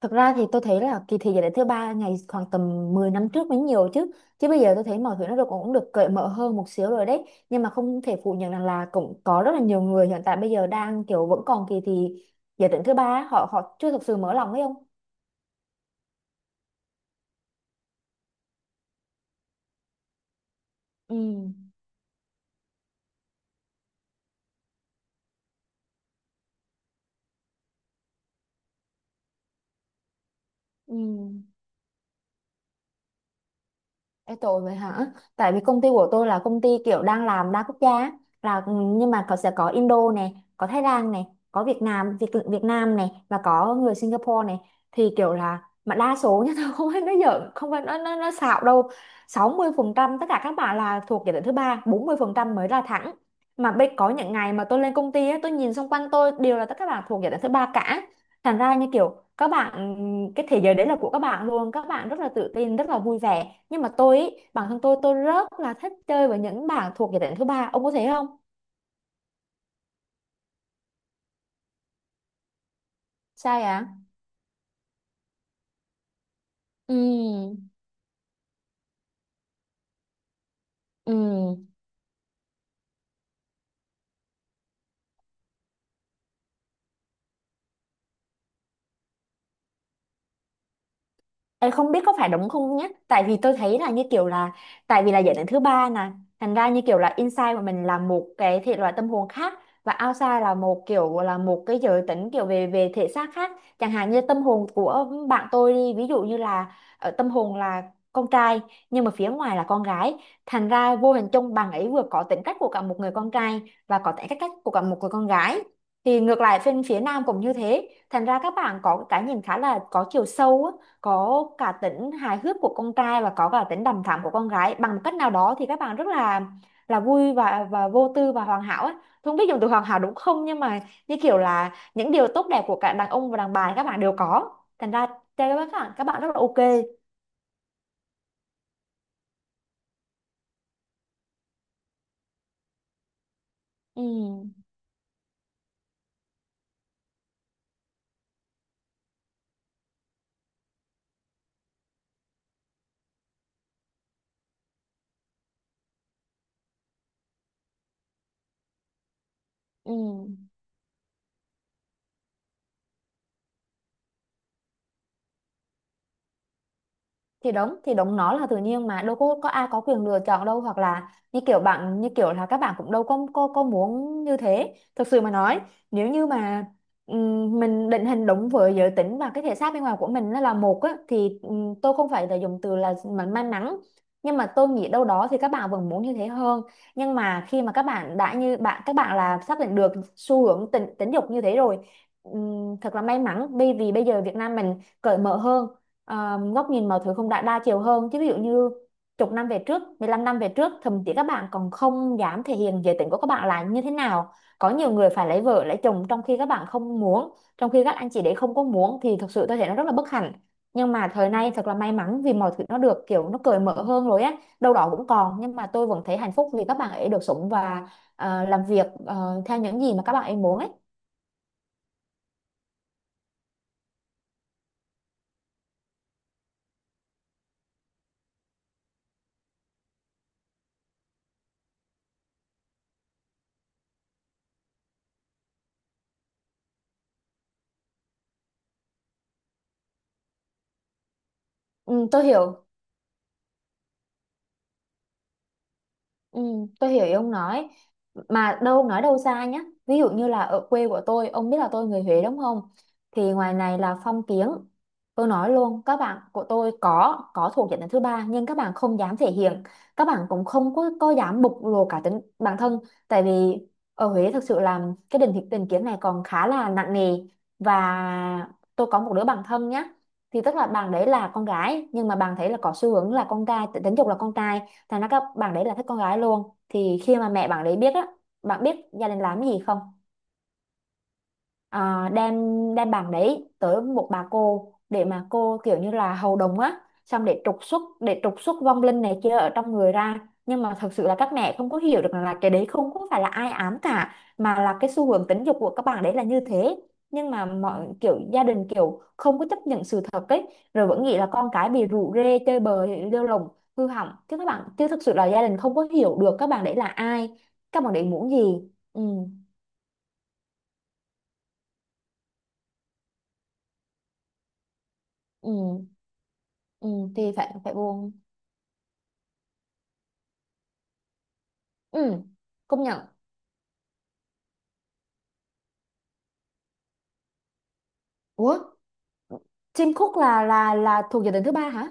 Thực ra thì tôi thấy là kỳ thi giải đệ thứ ba ngày khoảng tầm 10 năm trước mới nhiều chứ chứ bây giờ tôi thấy mọi thứ nó được cũng được cởi mở hơn một xíu rồi đấy. Nhưng mà không thể phủ nhận rằng là cũng có rất là nhiều người hiện tại bây giờ đang kiểu vẫn còn kỳ thi giải đệ thứ ba, họ họ chưa thực sự mở lòng ấy không. Ừ. Ừ. Ê, tội vậy hả? Tại vì công ty của tôi là công ty kiểu đang làm đa quốc gia á. Là, nhưng mà có sẽ có Indo này, có Thái Lan này, có Việt Nam, Việt Việt Nam này, và có người Singapore này. Thì kiểu là mà đa số nhá, tôi không phải nói giỡn, không phải nói nó xạo đâu. 60% tất cả các bạn là thuộc giai đoạn thứ ba, 40% mới là thẳng. Mà bây có những ngày mà tôi lên công ty á, tôi nhìn xung quanh tôi đều là tất cả các bạn thuộc giai đoạn thứ ba cả. Thành ra như kiểu các bạn, cái thế giới đấy là của các bạn luôn, các bạn rất là tự tin, rất là vui vẻ. Nhưng mà tôi ý, bản thân tôi rất là thích chơi với những bạn thuộc giới tính thứ ba, ông có thấy không? Sai à. Ừ. Ừ. Em không biết có phải đúng không nhé, tại vì tôi thấy là như kiểu là, tại vì là giới tính thứ ba nè, thành ra như kiểu là inside của mình là một cái thể loại tâm hồn khác, và outside là một kiểu, là một cái giới tính kiểu về về thể xác khác. Chẳng hạn như tâm hồn của bạn tôi đi, ví dụ như là ở tâm hồn là con trai, nhưng mà phía ngoài là con gái, thành ra vô hình chung bạn ấy vừa có tính cách của cả một người con trai và có tính cách cách của cả một người con gái. Thì ngược lại bên phía nam cũng như thế, thành ra các bạn có cái nhìn khá là có chiều sâu á, có cả tính hài hước của con trai và có cả tính đằm thắm của con gái. Bằng cách nào đó thì các bạn rất là vui, và vô tư, và hoàn hảo ấy. Tôi không biết dùng từ hoàn hảo đúng không, nhưng mà như kiểu là những điều tốt đẹp của cả đàn ông và đàn bà các bạn đều có, thành ra chơi với các bạn, các bạn rất là ok. Ừ. Ừ. Thì đúng, nó là tự nhiên, mà đâu có ai có quyền lựa chọn đâu. Hoặc là như kiểu bạn, như kiểu là các bạn cũng đâu có muốn như thế. Thực sự mà nói nếu như mà mình định hình đúng với giới tính và cái thể xác bên ngoài của mình nó là một á, thì tôi không phải là dùng từ là mình may mắn, nhưng mà tôi nghĩ đâu đó thì các bạn vẫn muốn như thế hơn. Nhưng mà khi mà các bạn đã, như bạn, các bạn là xác định được xu hướng tính dục như thế rồi, thật là may mắn, bởi vì bây giờ Việt Nam mình cởi mở hơn. Góc nhìn mọi thứ cũng đã đa chiều hơn chứ, ví dụ như chục năm về trước, 15 năm về trước, thậm chí các bạn còn không dám thể hiện giới tính của các bạn là như thế nào. Có nhiều người phải lấy vợ lấy chồng trong khi các bạn không muốn, trong khi các anh chị đấy không có muốn, thì thực sự tôi thấy nó rất là bất hạnh. Nhưng mà thời nay thật là may mắn vì mọi thứ nó được kiểu nó cởi mở hơn rồi á, đâu đó cũng còn, nhưng mà tôi vẫn thấy hạnh phúc vì các bạn ấy được sống và làm việc theo những gì mà các bạn ấy muốn ấy. Ừ, tôi hiểu. Ừ, tôi hiểu ý ông nói. Mà đâu, ông nói đâu xa nhá, ví dụ như là ở quê của tôi, ông biết là tôi người Huế đúng không, thì ngoài này là phong kiến. Tôi nói luôn, các bạn của tôi có thuộc diện đến thứ ba nhưng các bạn không dám thể hiện, các bạn cũng không có dám bộc lộ cả tính bản thân. Tại vì ở Huế thực sự là cái định hình, định kiến này còn khá là nặng nề. Và tôi có một đứa bạn thân nhá, thì tức là bạn đấy là con gái nhưng mà bạn thấy là có xu hướng là con trai, tính dục là con trai, thành ra các bạn đấy là thích con gái luôn. Thì khi mà mẹ bạn đấy biết á, bạn biết gia đình làm cái gì không? À, đem đem bảng đấy tới một bà cô để mà cô kiểu như là hầu đồng á, xong để trục xuất vong linh này kia ở trong người ra. Nhưng mà thật sự là các mẹ không có hiểu được rằng là cái đấy không có phải là ai ám cả, mà là cái xu hướng tính dục của các bạn đấy là như thế. Nhưng mà mọi kiểu gia đình kiểu không có chấp nhận sự thật ấy, rồi vẫn nghĩ là con cái bị rủ rê chơi bời lêu lồng, hư hỏng. Chứ các bạn, chứ thực sự là gia đình không có hiểu được các bạn đấy là ai, các bạn đấy muốn gì. Ừ. Ừ. Ừ. Thì phải phải buông. Ừ, công nhận. Ủa, Tim Cook là thuộc giải thưởng thứ ba hả?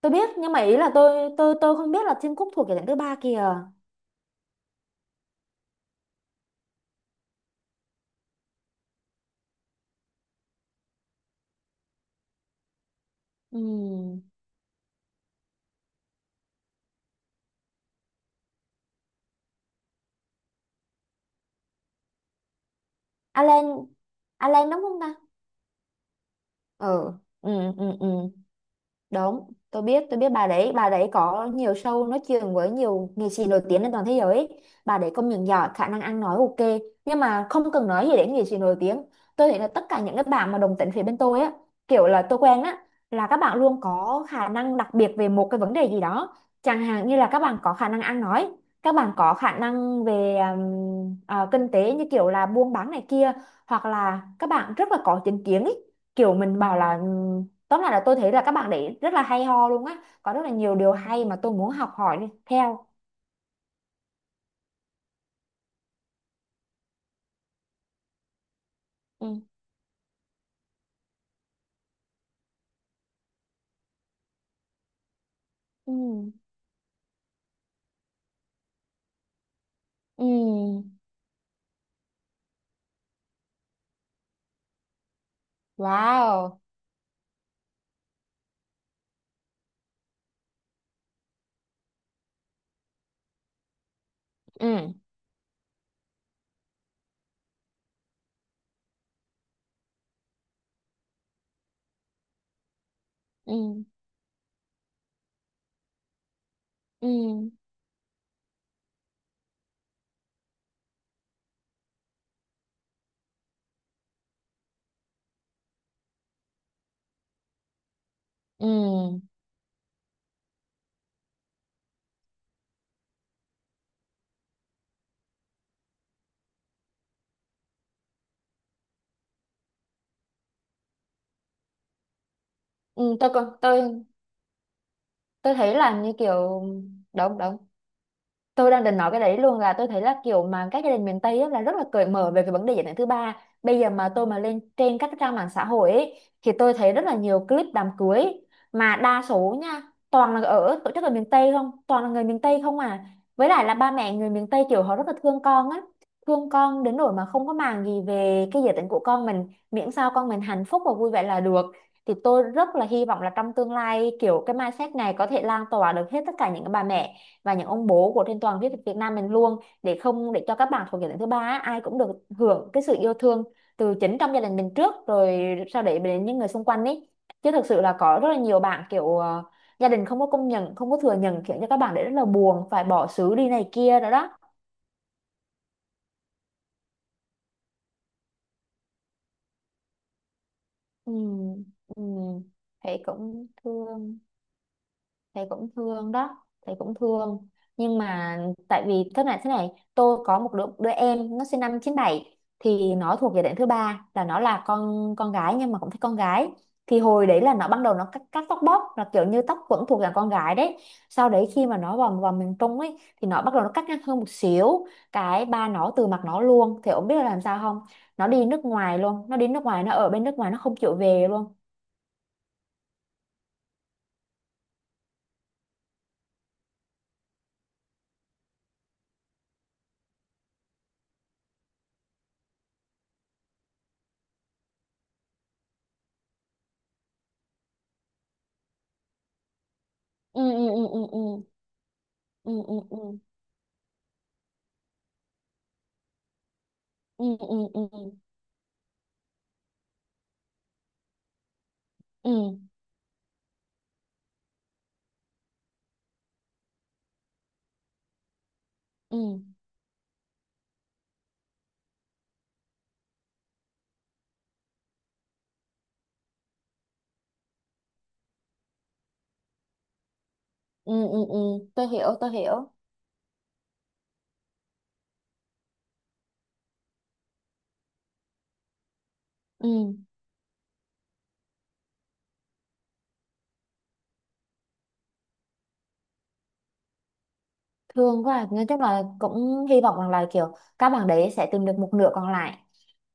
Tôi biết, nhưng mà ý là tôi không biết là Tim Cook thuộc giải thưởng thứ ba kìa. Ừ. Alan, Alan đúng không ta? Ừ. Ừ, ừ, ừ. Đúng, tôi biết bà đấy có nhiều show nói chuyện với nhiều nghệ sĩ nổi tiếng trên toàn thế giới ấy. Bà đấy công nhận giỏi, khả năng ăn nói ok, nhưng mà không cần nói gì đến nghệ sĩ nổi tiếng. Tôi thấy là tất cả những cái bạn mà đồng tính phía bên tôi á, kiểu là tôi quen á, là các bạn luôn có khả năng đặc biệt về một cái vấn đề gì đó. Chẳng hạn như là các bạn có khả năng ăn nói, các bạn có khả năng về kinh tế, như kiểu là buôn bán này kia, hoặc là các bạn rất là có chính kiến ấy. Kiểu mình bảo là, tóm lại là tôi thấy là các bạn đấy rất là hay ho luôn á, có rất là nhiều điều hay mà tôi muốn học hỏi đi theo. Ừ. Ừ. Ừ. Wow. Ừ. Ừ. Ừ. Ừ. Ừ, tôi còn tôi thấy là như kiểu, đúng, đúng. Tôi đang định nói cái đấy luôn, là tôi thấy là kiểu mà các gia đình miền Tây á, là rất là cởi mở về cái vấn đề giới tính thứ ba. Bây giờ mà tôi mà lên trên các trang mạng xã hội ấy, thì tôi thấy rất là nhiều clip đám cưới, mà đa số nha, toàn là ở tổ chức ở miền Tây không, toàn là người miền Tây không à. Với lại là ba mẹ người miền Tây kiểu họ rất là thương con á, thương con đến nỗi mà không có màng gì về cái giới tính của con mình, miễn sao con mình hạnh phúc và vui vẻ là được. Thì tôi rất là hy vọng là trong tương lai kiểu cái mindset này có thể lan tỏa được hết tất cả những cái bà mẹ và những ông bố của trên toàn Việt Việt Nam mình luôn, để không, để cho các bạn thuộc gia đình thứ ba á, ai cũng được hưởng cái sự yêu thương từ chính trong gia đình mình trước, rồi sau đấy đến những người xung quanh ấy. Chứ thực sự là có rất là nhiều bạn kiểu gia đình không có công nhận, không có thừa nhận, khiến cho các bạn đấy rất là buồn, phải bỏ xứ đi này kia nữa đó. Ừ. Ừ. Thấy cũng thương. Thầy cũng thương đó, thầy cũng thương. Nhưng mà, tại vì thế này, tôi có đứa em nó sinh năm 97, thì nó thuộc giai đoạn thứ ba, là nó là con gái nhưng mà cũng thấy con gái. Thì hồi đấy là nó, ban đầu cắt tóc bóp, là kiểu như tóc vẫn thuộc dạng con gái đấy. Sau đấy khi mà nó vào vào miền Trung ấy, thì nó bắt đầu nó cắt ngắn hơn một xíu, cái ba nó từ mặt nó luôn. Thì ông biết là làm sao không? Nó đi nước ngoài luôn, nó đi nước ngoài, nó ở bên nước ngoài nó không chịu về luôn. Ừ. Ừ. Ừ. Ừ. Ừ. Ừ. Ừ. Ừ. Ừ. Ừ. Ừ. Ừ. Ừ. Ừ. Ừ. Ừ. Tôi hiểu. Ừ. Thương quá à. Nói chung là cũng hy vọng rằng là kiểu các bạn đấy sẽ tìm được một nửa còn lại.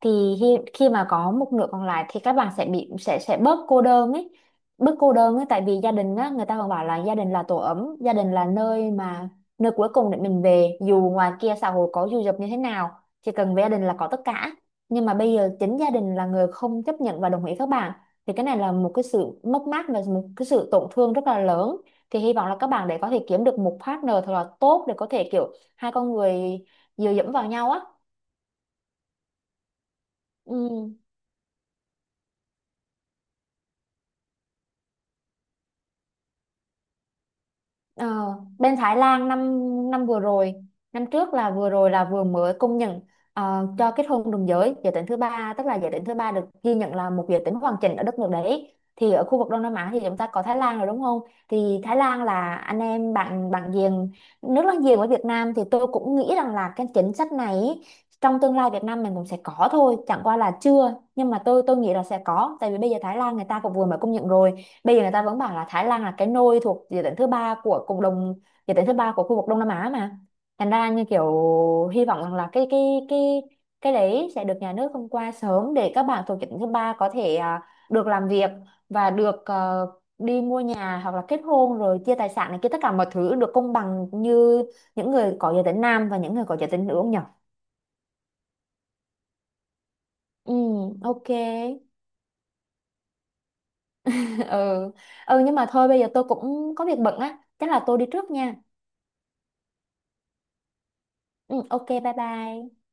Thì khi mà có một nửa còn lại thì các bạn sẽ bị sẽ bớt cô đơn ấy, bớt cô đơn ấy. Tại vì gia đình á, người ta còn bảo là gia đình là tổ ấm, gia đình là nơi mà, nơi cuối cùng để mình về dù ngoài kia xã hội có dù dập như thế nào, chỉ cần về gia đình là có tất cả. Nhưng mà bây giờ chính gia đình là người không chấp nhận và đồng ý các bạn, thì cái này là một cái sự mất mát và một cái sự tổn thương rất là lớn. Thì hy vọng là các bạn để có thể kiếm được một partner thật là tốt, để có thể kiểu hai con người dựa dẫm vào nhau á. Ừ. Ờ. Bên Thái Lan năm năm vừa rồi, năm trước, là vừa rồi là vừa mới công nhận cho kết hôn đồng giới, giới tính thứ ba, tức là giới tính thứ ba được ghi nhận là một giới tính hoàn chỉnh ở đất nước đấy. Thì ở khu vực Đông Nam Á thì chúng ta có Thái Lan rồi đúng không, thì Thái Lan là anh em bạn bạn giềng, nước láng giềng với Việt Nam. Thì tôi cũng nghĩ rằng là cái chính sách này ý, trong tương lai Việt Nam mình cũng sẽ có thôi, chẳng qua là chưa. Nhưng mà tôi nghĩ là sẽ có, tại vì bây giờ Thái Lan người ta cũng vừa mới công nhận rồi, bây giờ người ta vẫn bảo là Thái Lan là cái nôi thuộc địa tỉnh thứ ba của cộng đồng, địa tỉnh thứ ba của khu vực Đông Nam Á mà. Thành ra như kiểu, hy vọng rằng là cái đấy sẽ được nhà nước thông qua sớm, để các bạn thuộc địa tỉnh thứ ba có thể được làm việc và được đi mua nhà, hoặc là kết hôn rồi chia tài sản này kia, tất cả mọi thứ được công bằng như những người có giới tính nam và những người có giới tính nữ, không nhỉ? Ừ, ok. Ừ. Ừ, nhưng mà thôi, bây giờ tôi cũng có việc bận á, chắc là tôi đi trước nha. Ừ, ok, bye bye.